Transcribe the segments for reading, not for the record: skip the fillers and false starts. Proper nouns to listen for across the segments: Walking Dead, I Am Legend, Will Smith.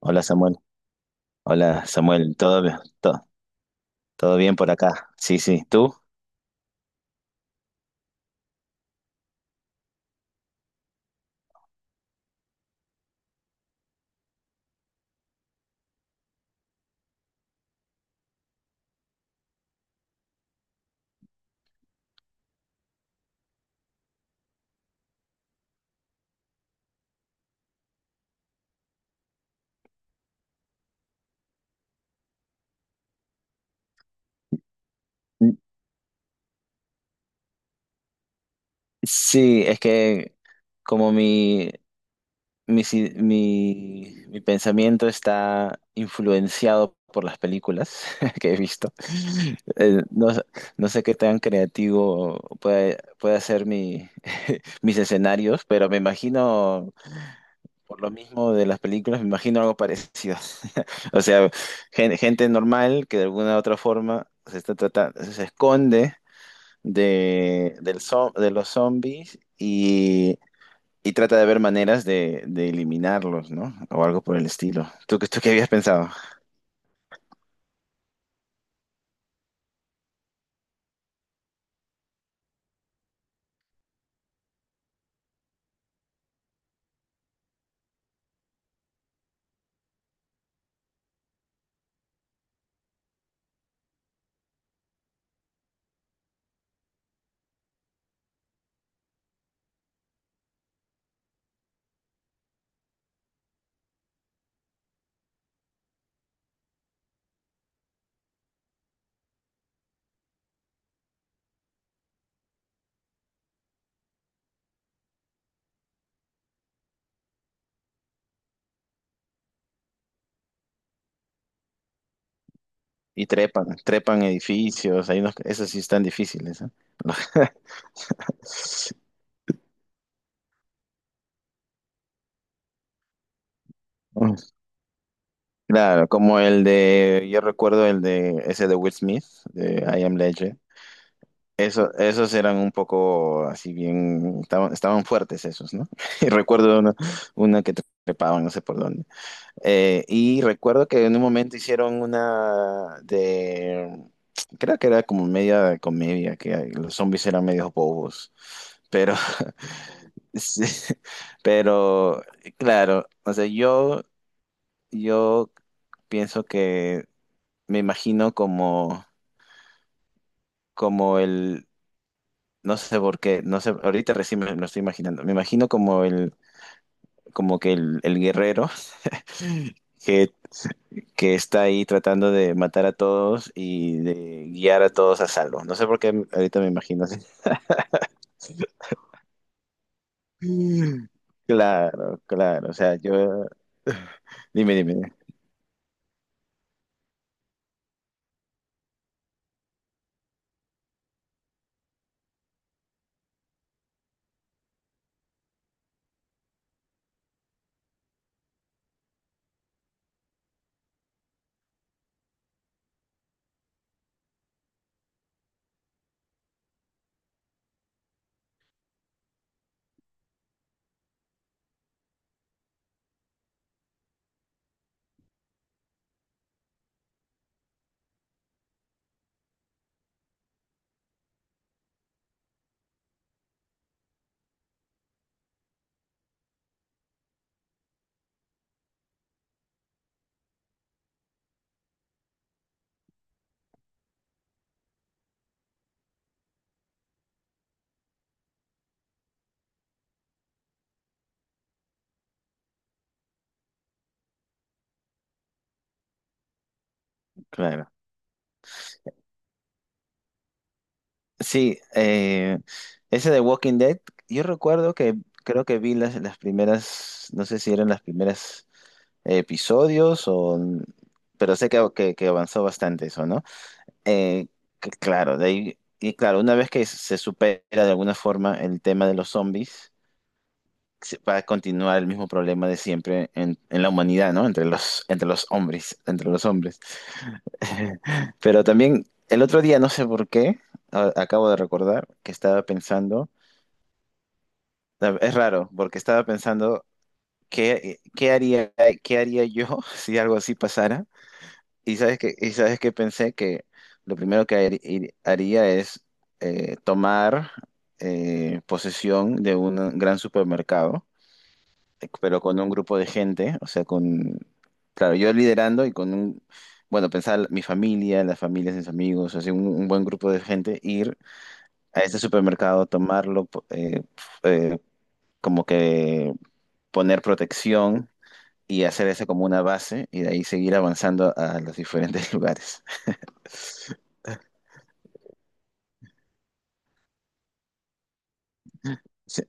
Hola Samuel, todo bien, todo, todo bien por acá. Sí, sí, ¿tú? N- Sí, es que como mi, si- mi pensamiento está influenciado por las películas que he visto. eh, no, s- no sé qué tan creativo puede ser mis escenarios, pero me imagino. Por lo mismo de las películas, me imagino algo parecido. O sea, gente normal que de alguna u otra forma se esconde de los zombies, y trata de ver maneras de eliminarlos, ¿no? O algo por el estilo. ¿Tú, tú qué habías pensado? Y trepan edificios, hay unos, esos sí están difíciles, ¿eh? Mm. Claro, como el de, yo recuerdo el de ese de Will Smith, de I Am Legend. Eso, esos eran un poco así bien, estaban fuertes esos, ¿no? Y recuerdo una que trepaban, no sé por dónde. Y recuerdo que en un momento hicieron una de, creo que era como media comedia, que los zombies eran medios bobos, pero, sí, pero claro, o sea, yo pienso que me imagino como, como el... No sé por qué, no sé, ahorita recién me lo estoy imaginando. Me imagino como el, como que el guerrero que, que está ahí tratando de matar a todos y de guiar a todos a salvo. No sé por qué ahorita me imagino así. Mm. Claro, claro. O sea, yo. Dime, dime, claro. Sí, ese de Walking Dead, yo recuerdo que creo que vi las primeras, no sé si eran las primeras episodios, o... pero sé que, que avanzó bastante eso, ¿no? Eh, que claro, de ahí, y claro, una vez que se supera de alguna forma el tema de los zombies, va a continuar el mismo problema de siempre en la humanidad, ¿no? Entre los hombres, entre los hombres. Pero también el otro día, no sé por qué, acabo de recordar que estaba pensando, es raro, porque estaba pensando qué, qué haría, qué haría yo si algo así pasara. Y sabes que pensé que lo primero que haría es tomar posesión de un gran supermercado, pero con un grupo de gente, o sea, con, claro, yo liderando y con un, bueno, pensar mi familia, las familias de mis amigos, así un buen grupo de gente, ir a ese supermercado, tomarlo, f- eh, como que poner protección, y hacer eso como una base y de ahí seguir avanzando a los diferentes lugares. Sí.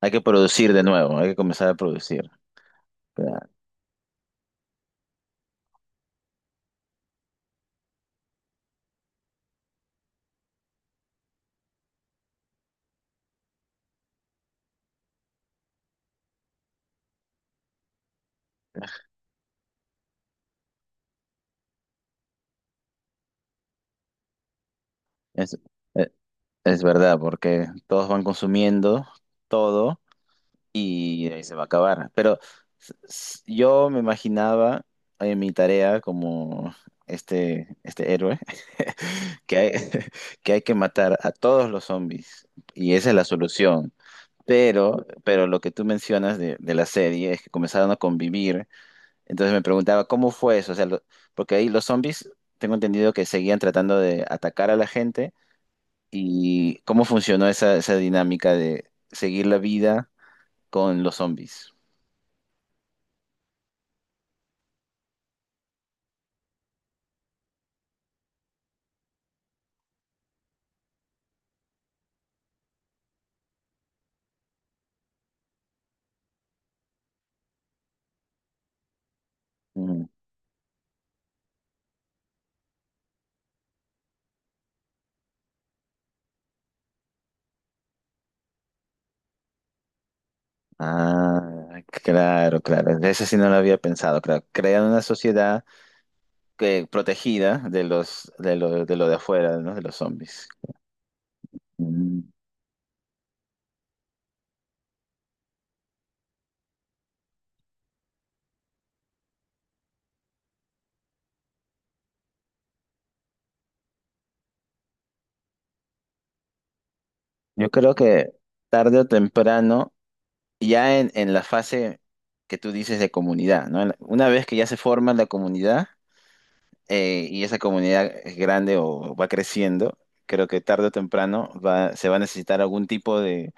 Hay que producir de nuevo, hay que comenzar a producir. Claro. Es, e- es verdad, porque todos van consumiendo todo y ahí se va a acabar. Pero yo me imaginaba en mi tarea como este héroe que hay, que hay que matar a todos los zombies y esa es la solución. Pero lo que tú mencionas de la serie es que comenzaron a convivir. Entonces me preguntaba, ¿cómo fue eso? O sea, porque ahí los zombies, tengo entendido que seguían tratando de atacar a la gente, y cómo funcionó esa, esa dinámica de seguir la vida con los zombies. Mm. Ah, claro, claro. Eso sí no lo había pensado, claro. Crear una sociedad que, protegida de los, de lo, de lo de afuera, ¿no? De los zombies. Mm. Yo creo que tarde o temprano, ya en la fase que tú dices de comunidad, ¿no? Una vez que ya se forma la comunidad, y esa comunidad es grande o va creciendo, creo que tarde o temprano se va a necesitar algún tipo de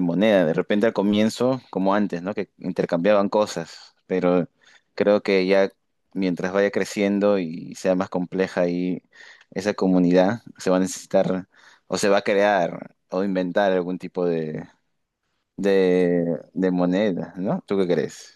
moneda. De repente al comienzo, como antes, ¿no? Que intercambiaban cosas, pero creo que ya mientras vaya creciendo y sea más compleja ahí esa comunidad, se va a necesitar o se va a crear o inventar algún tipo de moneda, ¿no? ¿Tú qué crees?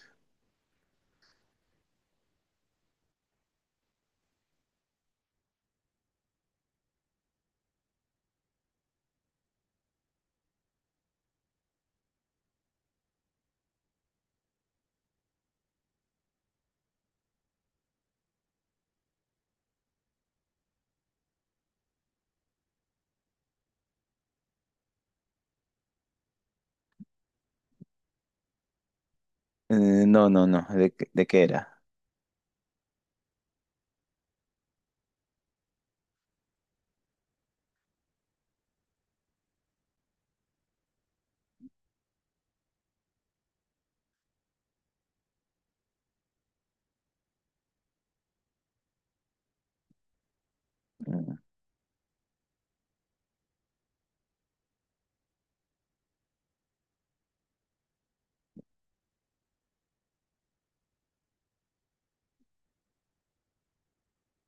Eh, no, no, no. De qué era? Mm.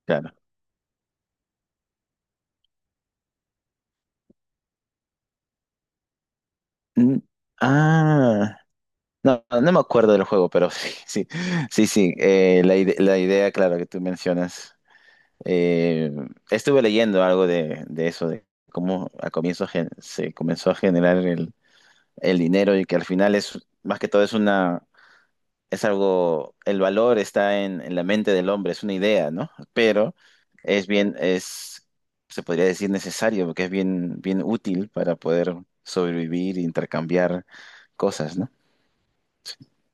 Claro. Mm. Ah, no, no no me acuerdo del juego, pero sí, sí, sí, sí. La idea, claro, que tú mencionas. Eh, Estuve leyendo algo de eso, de cómo a comienzo se comenzó a generar el dinero, y que al final más que todo, es algo, el valor está en la mente del hombre, es una idea, ¿no? Pero es bien, es, se podría decir necesario, porque es bien, bien útil para poder sobrevivir, intercambiar cosas, ¿no?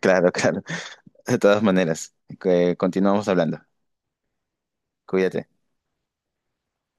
Claro, claro. De todas maneras, que continuamos hablando. Cuídate.